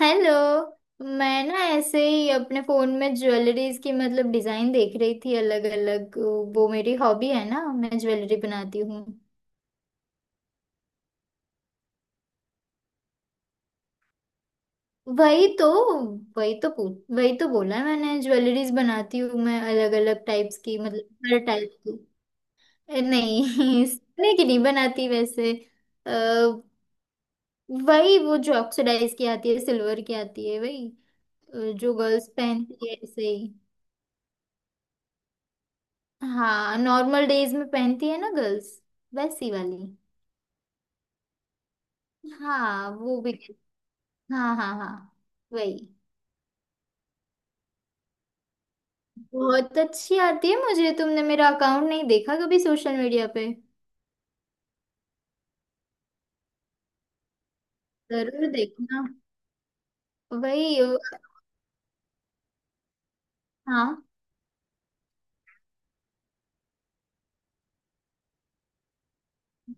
Hello. मैं ना ऐसे ही अपने फोन में ज्वेलरीज की डिजाइन देख रही थी अलग अलग। वो मेरी हॉबी है ना, मैं ज्वेलरी बनाती हूँ। वही तो। वही तो पूछ, वही तो बोला मैंने, ज्वेलरीज बनाती हूँ मैं, अलग अलग टाइप्स की, मतलब हर टाइप की। नहीं सोने की नहीं बनाती वैसे। अ, वही वो जो ऑक्सीडाइज की आती है, सिल्वर की आती है, वही। जो गर्ल्स पहनती है ऐसे ही। हाँ, नॉर्मल डेज में पहनती है ना गर्ल्स, वैसी वाली। हाँ वो भी। हाँ, हाँ, हाँ। वही। बहुत अच्छी आती है मुझे, तुमने मेरा अकाउंट नहीं देखा कभी सोशल मीडिया पे? जरूर देखना। वही। हाँ।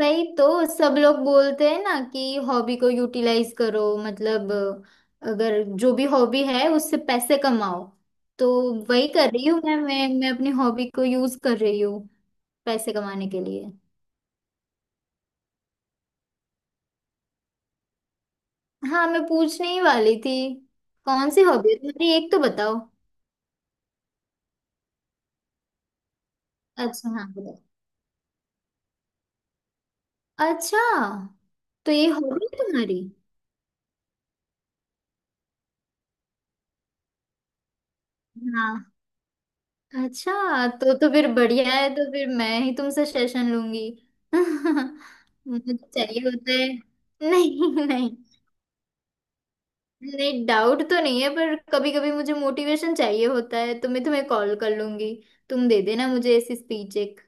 वही तो, सब लोग बोलते हैं ना कि हॉबी को यूटिलाइज करो, मतलब अगर जो भी हॉबी है उससे पैसे कमाओ। तो वही कर रही हूँ मैं, मैं अपनी हॉबी को यूज कर रही हूँ पैसे कमाने के लिए। हाँ मैं पूछने ही वाली थी, कौन सी हॉबी है तुम्हारी, एक तो बताओ। अच्छा, हाँ बताओ। अच्छा, तो ये हॉबी है तुम्हारी। हाँ, अच्छा। तो फिर बढ़िया है, तो फिर मैं ही तुमसे सेशन लूंगी। मुझे चाहिए होता है। नहीं नहीं। नहीं, डाउट तो नहीं है, पर कभी कभी मुझे मोटिवेशन चाहिए होता है, तो मैं तुम्हें कॉल कर लूंगी, तुम दे देना मुझे ऐसी स्पीच एक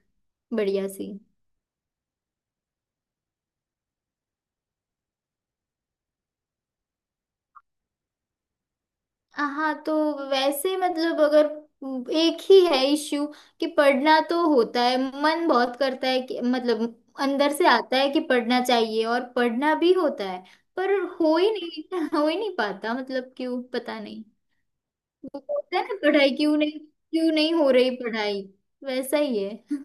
बढ़िया सी। हाँ तो, वैसे मतलब अगर, एक ही है इश्यू कि पढ़ना तो होता है, मन बहुत करता है कि मतलब अंदर से आता है कि पढ़ना चाहिए, और पढ़ना भी होता है पर हो ही नहीं हो ही नहीं पाता, मतलब क्यों पता नहीं। वो होता है ना, पढ़ाई क्यों नहीं, क्यों नहीं हो रही पढ़ाई, वैसा ही है।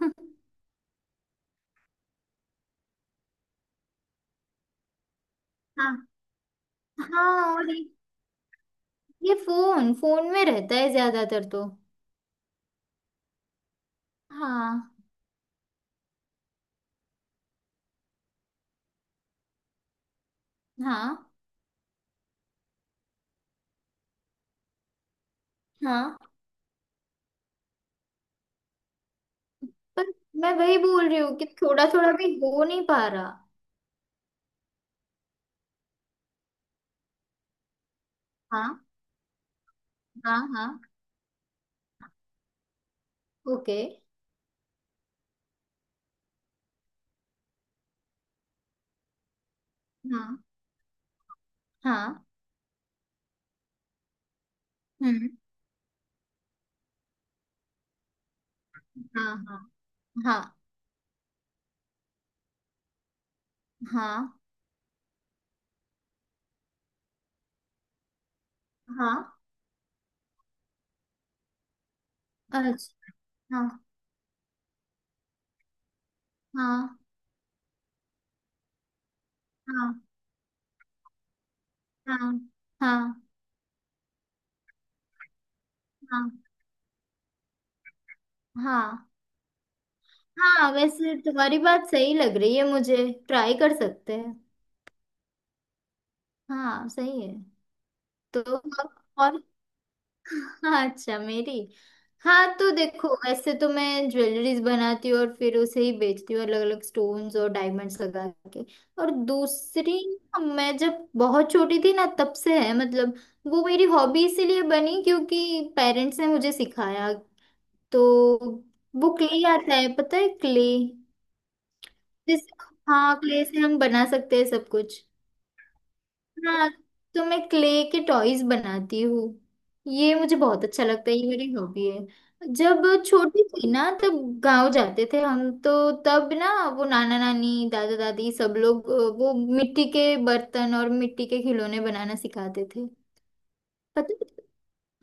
हाँ हाँ। और ये फोन फोन में रहता है ज्यादातर तो। हाँ, हाँ। हाँ पर मैं वही बोल रही हूँ कि थोड़ा थोड़ा भी हो नहीं पा रहा। हाँ। हाँ। हाँ। ओके। हाँ। हाँ। हम्म। हाँ। हाँ। हाँ, हाँ, हाँ। अच्छा। हाँ। हाँ, हाँ, हाँ, हाँ, हाँ, हाँ, हाँ। वैसे तुम्हारी बात सही लग रही है मुझे, ट्राई कर सकते हैं। हाँ सही है। तो, और, हाँ अच्छा मेरी। हाँ तो देखो, वैसे तो मैं ज्वेलरीज बनाती हूँ और फिर उसे ही बेचती हूँ, अलग अलग स्टोन्स और डायमंड्स लगा के। और दूसरी, मैं जब बहुत छोटी थी ना तब से है, मतलब वो मेरी हॉबी इसीलिए बनी क्योंकि पेरेंट्स ने मुझे सिखाया। तो वो क्ले आता है, पता है क्ले, जिस, हाँ क्ले से हम बना सकते हैं सब कुछ। हाँ तो मैं क्ले के टॉयज बनाती हूँ, ये मुझे बहुत अच्छा लगता है, ये मेरी हॉबी है। जब छोटी थी ना तब गांव जाते थे हम तो, तब ना वो नाना नानी दादा दादी सब लोग वो मिट्टी के बर्तन और मिट्टी के खिलौने बनाना सिखाते थे, पता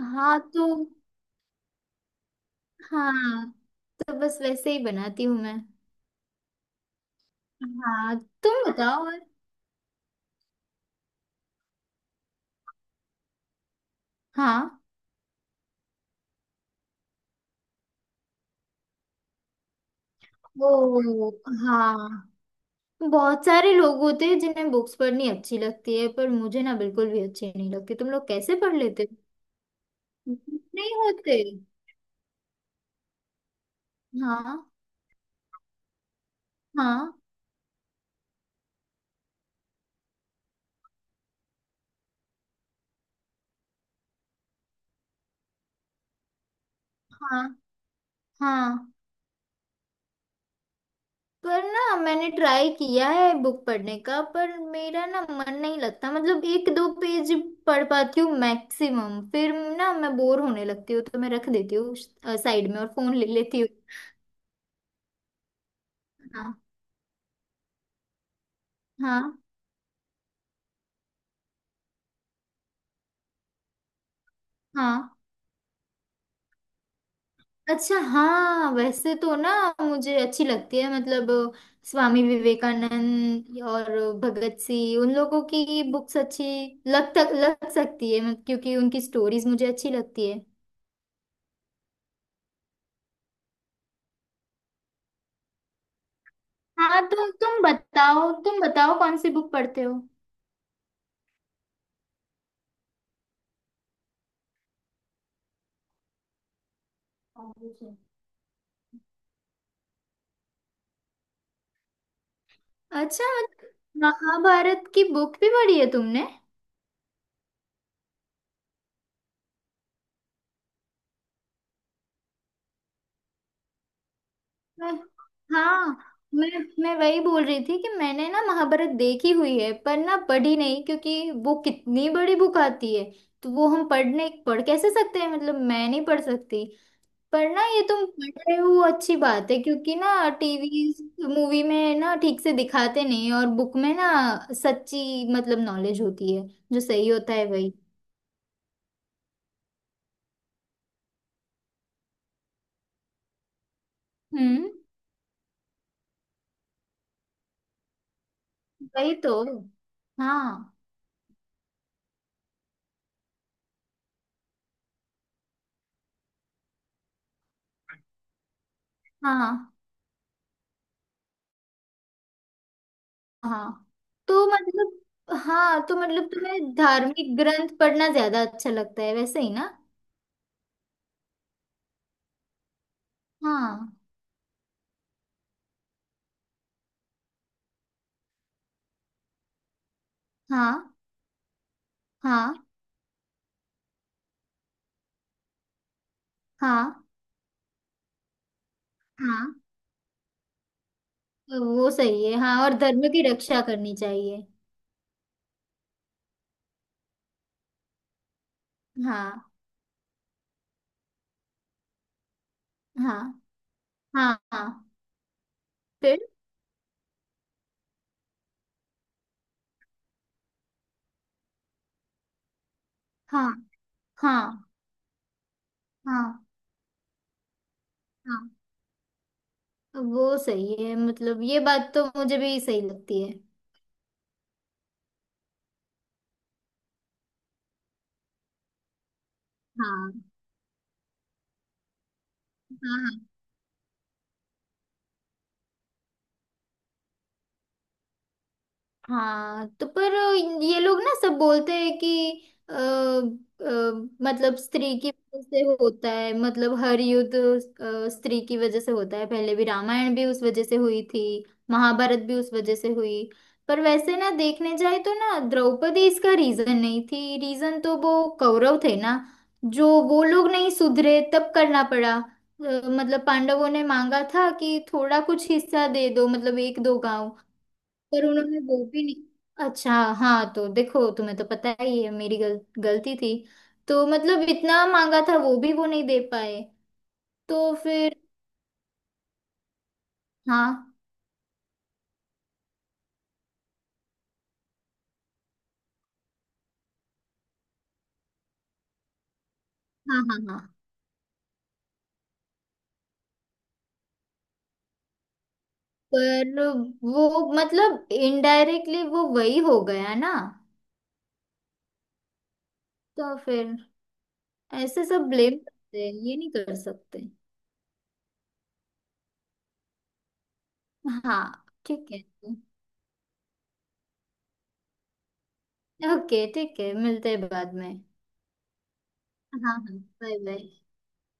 है? हाँ तो, हाँ तो बस वैसे ही बनाती हूँ मैं। हाँ, तुम बताओ और। हाँ। ओ, हाँ। बहुत सारे लोग होते हैं जिन्हें बुक्स पढ़नी अच्छी लगती है, पर मुझे ना बिल्कुल भी अच्छी नहीं लगती, तुम लोग कैसे पढ़ लेते हो, नहीं होते। हाँ, हाँ, हाँ। हाँ पर ना मैंने ट्राई किया है बुक पढ़ने का, पर मेरा ना मन नहीं लगता, मतलब एक दो पेज पढ़ पाती हूँ मैक्सिमम, फिर ना मैं बोर होने लगती हूँ तो मैं रख देती हूँ साइड में और फोन ले लेती हूँ। हाँ। हाँ। हाँ अच्छा, हाँ वैसे तो ना मुझे अच्छी लगती है, मतलब स्वामी विवेकानंद और भगत सिंह, उन लोगों की बुक्स अच्छी लग सकती है, क्योंकि उनकी स्टोरीज मुझे अच्छी लगती है। हाँ, तुम बताओ, तुम बताओ कौन सी बुक पढ़ते हो। अच्छा, महाभारत की बुक भी पढ़ी है तुमने? मैं हाँ मैं मैं वही बोल रही थी कि मैंने ना महाभारत देखी हुई है पर ना पढ़ी नहीं, क्योंकि वो कितनी बड़ी बुक आती है, तो वो हम पढ़ कैसे सकते हैं, मतलब मैं नहीं पढ़ सकती। पर ना ये तुम पढ़ रहे हो वो अच्छी बात है, क्योंकि ना टीवी मूवी में ना ठीक से दिखाते नहीं, और बुक में ना सच्ची मतलब नॉलेज होती है, जो सही होता है वही। हम्म, वही तो। हाँ, हाँ। हाँ तो मतलब, हाँ तो मतलब तुम्हें धार्मिक ग्रंथ पढ़ना ज्यादा अच्छा लगता है वैसे ही ना। हाँ। हाँ, हाँ, हाँ, हाँ, तो वो सही है, हाँ, और धर्म की रक्षा करनी चाहिए। हाँ, हाँ, हाँ, हाँ। फिर। हाँ। हाँ, हाँ, हाँ तो वो सही है, मतलब ये बात तो मुझे भी सही लगती है। हाँ, हाँ, हाँ। हाँ तो पर ये लोग ना सब बोलते हैं कि अ, अ, मतलब स्त्री की वजह से होता है, मतलब हर युद्ध स्त्री की वजह से होता है, पहले भी रामायण भी उस वजह से हुई थी, महाभारत भी उस वजह से हुई। पर वैसे ना देखने जाए तो ना द्रौपदी इसका रीजन नहीं थी, रीजन तो वो कौरव थे ना, जो वो लोग नहीं सुधरे, तब करना पड़ा। मतलब पांडवों ने मांगा था कि थोड़ा कुछ हिस्सा दे दो, मतलब एक दो गांव, पर उन्होंने वो भी नहीं। अच्छा, हाँ तो देखो तुम्हें तो पता ही है, मेरी गलती थी, तो मतलब इतना मांगा था, वो भी वो नहीं दे पाए, तो फिर। हाँ, हाँ, हाँ, हाँ। पर वो मतलब इनडायरेक्टली वो वही हो गया ना, तो फिर ऐसे सब ब्लेम करते हैं, ये नहीं कर सकते। हाँ ठीक है। ओके ठीक है, मिलते हैं बाद में। हाँ, हाँ, बाय बाय।